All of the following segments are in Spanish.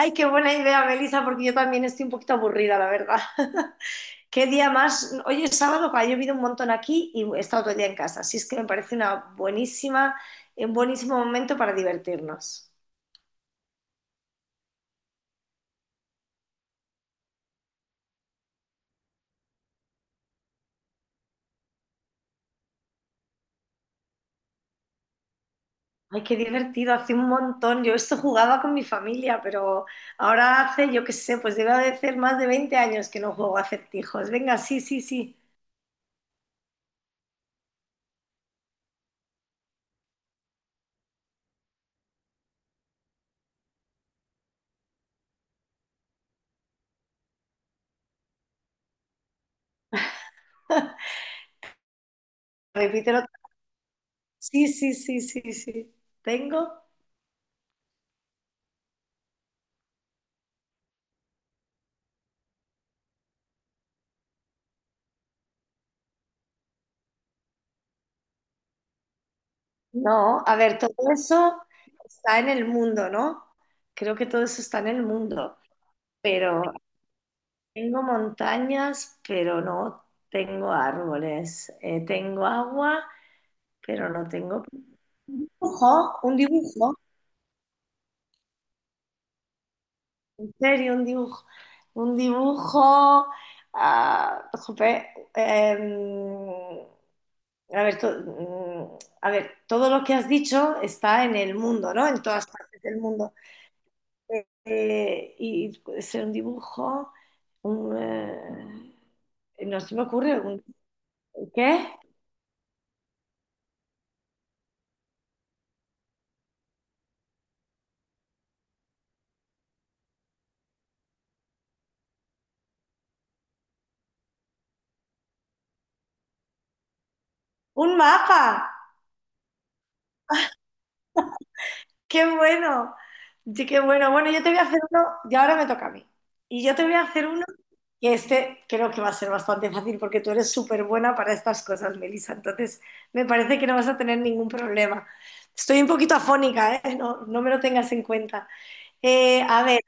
Ay, qué buena idea, Melissa, porque yo también estoy un poquito aburrida, la verdad. ¿Qué día más? Hoy es sábado, que ha llovido un montón aquí y he estado todo el día en casa. Así es que me parece una buenísima, un buenísimo momento para divertirnos. Ay, qué divertido, hace un montón. Yo esto jugaba con mi familia, pero ahora hace, yo qué sé, pues debe de hacer más de 20 años que no juego a acertijos. Venga, sí, sí, sí. Repítelo. Sí, sí, sí, sí, sí. ¿Tengo? No, a ver, todo eso está en el mundo, ¿no? Creo que todo eso está en el mundo, pero tengo montañas, pero no tengo árboles. Tengo agua, pero no tengo dibujo, un dibujo, en serio, un dibujo, ah, jope, em, a ver, a ver, todo lo que has dicho está en el mundo, ¿no? En todas partes del mundo. Y puede ser un dibujo, un, no se me ocurre, un, ¿qué? Un mapa, qué bueno. Sí, qué bueno. Bueno, yo te voy a hacer uno, y ahora me toca a mí. Y yo te voy a hacer uno que este creo que va a ser bastante fácil porque tú eres súper buena para estas cosas, Melissa. Entonces, me parece que no vas a tener ningún problema. Estoy un poquito afónica, ¿eh? No, no me lo tengas en cuenta. A ver,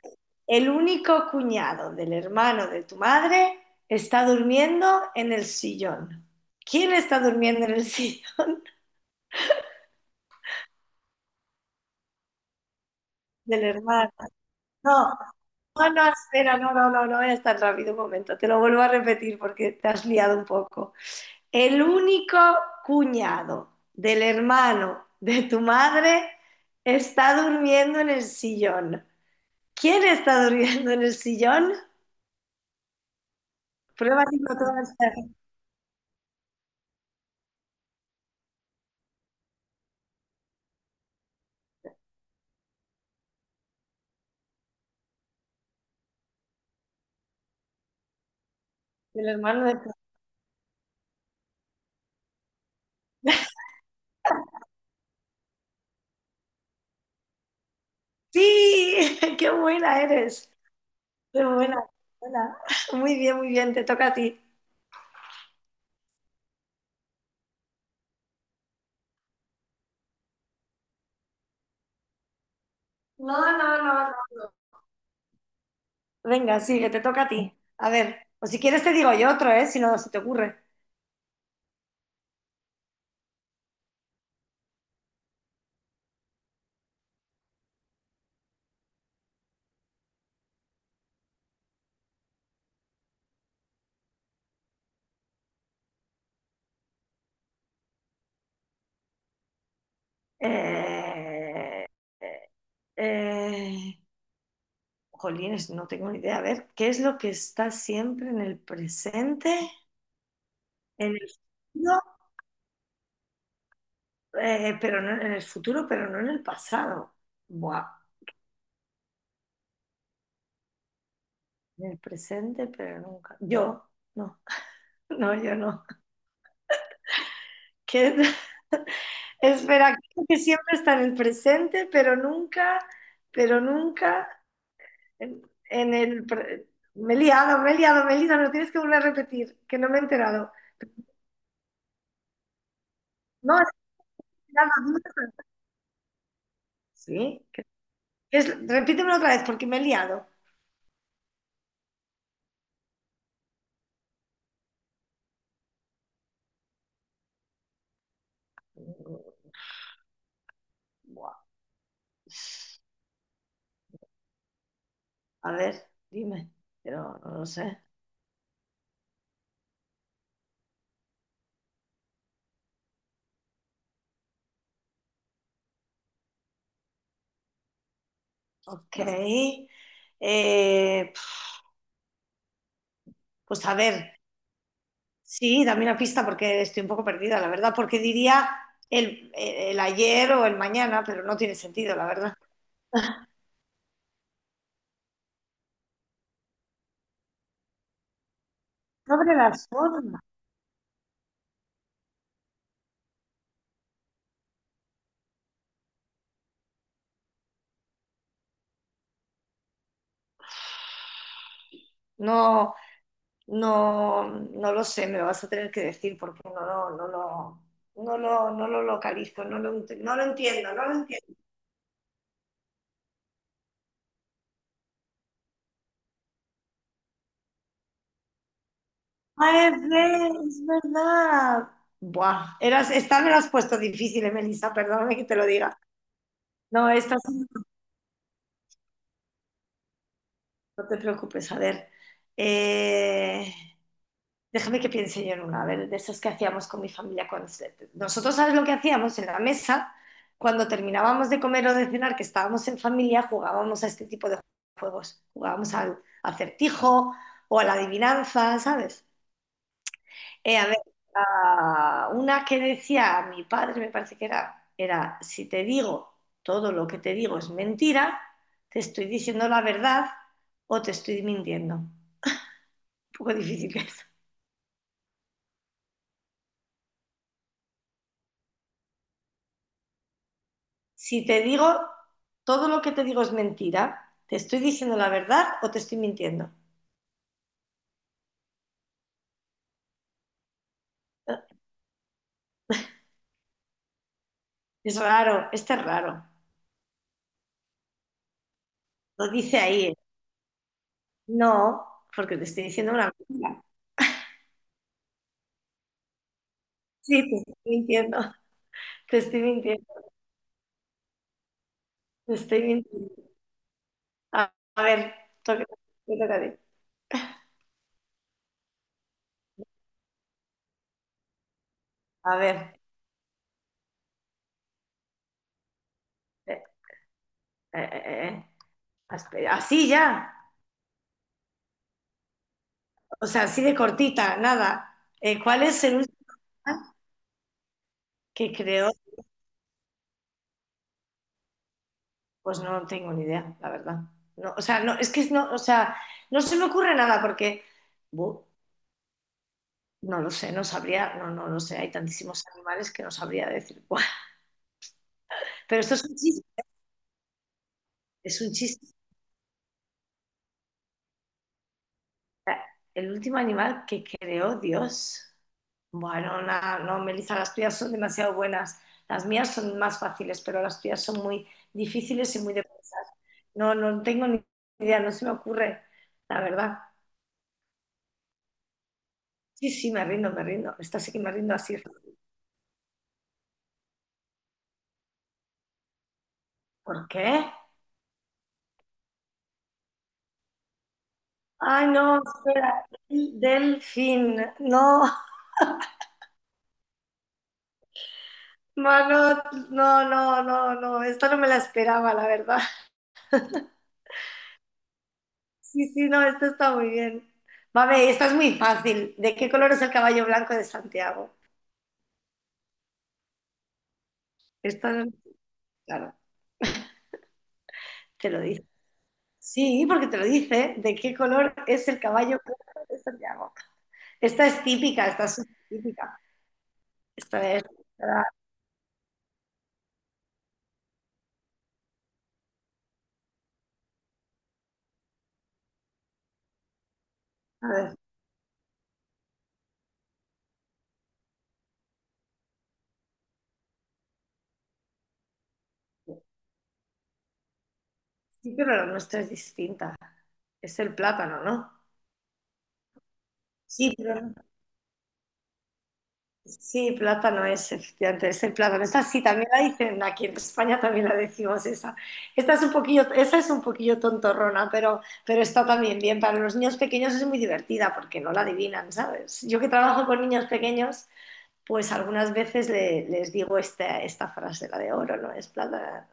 el único cuñado del hermano de tu madre está durmiendo en el sillón. ¿Quién está durmiendo en el sillón del hermano? No, no, no, espera, no, no, no, no es tan rápido un momento. Te lo vuelvo a repetir porque te has liado un poco. El único cuñado del hermano de tu madre está durmiendo en el sillón. ¿Quién está durmiendo en el sillón? Prueba psicotónica del hermano de tu. Sí, qué buena eres. Qué buena, buena. Muy bien, te toca a ti. No, no, no, no. Venga, sigue, te toca a ti. A ver, o si quieres te digo yo otro, ¿eh? Si no se te ocurre. Eh, eh, eh, jolines, no tengo ni idea. A ver, ¿qué es lo que está siempre en el presente? En el futuro, pero no en el futuro, pero no en el pasado. Buah, en el presente, pero nunca. Yo, no, no, yo no. Que espera, creo que siempre está en el presente, pero nunca en, en el... Me he liado, me he liado, me he liado, no tienes que volver a repetir, que no me he enterado. No, es que me he dado dudas. Sí, repítemelo otra vez porque me he liado. Buah. A ver, dime, pero no lo sé. Ok. Eh, pues a ver. Sí, dame una pista porque estoy un poco perdida, la verdad, porque diría el ayer o el mañana, pero no tiene sentido, la verdad. Sobre las formas. No, no, no lo sé, me lo vas a tener que decir porque no, no, no, no lo localizo, no lo entiendo, no lo entiendo. Ah, es verdad. Buah, eras, esta me la has puesto difícil, Melissa, perdóname que te lo diga. No, esta sí, no te preocupes, a ver. Eh, Déjame que piense yo en una, a ver, de esas que hacíamos con mi familia cuando... Nosotros, ¿sabes lo que hacíamos? En la mesa, cuando terminábamos de comer o de cenar, que estábamos en familia, jugábamos a este tipo de juegos. Jugábamos al acertijo o a la adivinanza, ¿sabes? A ver, una que decía mi padre, me parece que era, si te digo todo lo que te digo es mentira, te estoy diciendo la verdad o te estoy mintiendo. Un poco difícil. Si te digo todo lo que te digo es mentira, ¿te estoy diciendo la verdad o te estoy mintiendo? Es raro, este es raro. Lo dice ahí, ¿eh? No, porque te estoy diciendo una mentira. Sí, te estoy mintiendo, te estoy mintiendo, te estoy mintiendo. A ver, toca, te toca a ti. A ver, eh, eh, eh, eh, así ya, o sea, así de cortita, nada. ¿Cuál es el último que creó? Pues no tengo ni idea, la verdad. No, o sea, no, es que no, o sea, no se me ocurre nada porque bu, no lo sé, no sabría, no, no lo sé, hay tantísimos animales que no sabría decir cuál. Pero esto es un chiste, es un chiste. El último animal que creó Dios. Bueno, no, Melissa, las tuyas son demasiado buenas. Las mías son más fáciles, pero las tuyas son muy difíciles y muy de pensar. No, no tengo ni idea, no se me ocurre, la verdad. Sí, sí, me rindo, me rindo. Esta sí que me rindo así. ¿Por qué? Ay, no, espera, el delfín. No, mano, no, no, no, no, esta no me la esperaba, la verdad. Sí, sí, no, esto está muy bien. Vale, esta es muy fácil. ¿De qué color es el caballo blanco de Santiago? Esta, claro, te lo dice. Sí, porque te lo dice. ¿De qué color es el caballo blanco de Santiago? Esta es típica, esta es súper típica. Esta es, a ver, sí, pero la nuestra es distinta. Es el plátano, ¿no? Sí, pero sí, plátano es, efectivamente, es el plátano. Esa sí, también la dicen aquí en España, también la decimos esa. Esta es un poquillo, esa es un poquillo tontorrona, pero está también bien. Para los niños pequeños es muy divertida porque no la adivinan, ¿sabes? Yo que trabajo con niños pequeños, pues algunas veces les digo esta frase, la de oro, ¿no? Es plátano.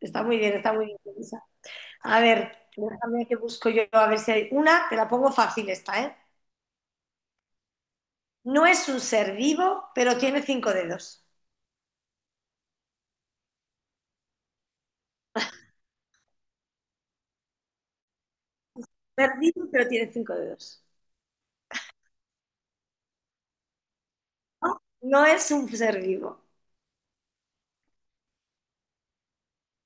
Está muy bien, está muy bien, esa. A ver, déjame que busco yo, a ver si hay una, te la pongo fácil esta, ¿eh? No es un ser vivo, pero tiene cinco dedos. Ser vivo, pero tiene cinco dedos. No, no es un ser vivo,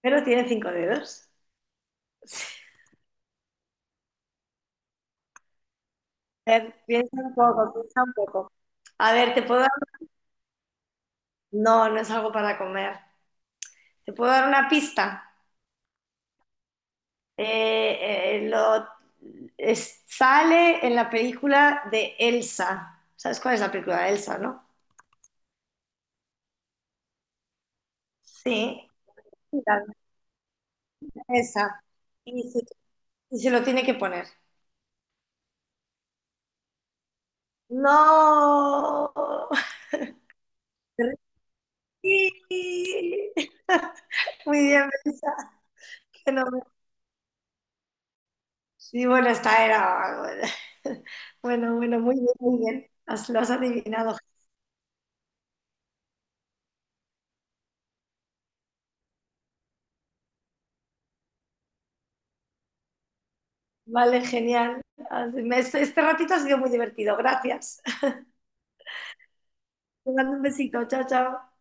pero tiene cinco dedos. A ver, piensa un poco, piensa un poco. A ver, te puedo dar... No, no es algo para comer. Te puedo dar una pista. Lo... sale en la película de Elsa. ¿Sabes cuál es la película de Elsa, no? Sí, sí, la de Elsa. Y se, y se lo tiene que poner. No. Sí. Muy bien, Melissa. Fenomenal. Sí, bueno, esta era. Bueno, bueno, bueno, muy bien, muy bien. Lo has adivinado. Vale, genial. Este, este ratito ha sido muy divertido. Gracias. Te mando un besito. Chao, chao.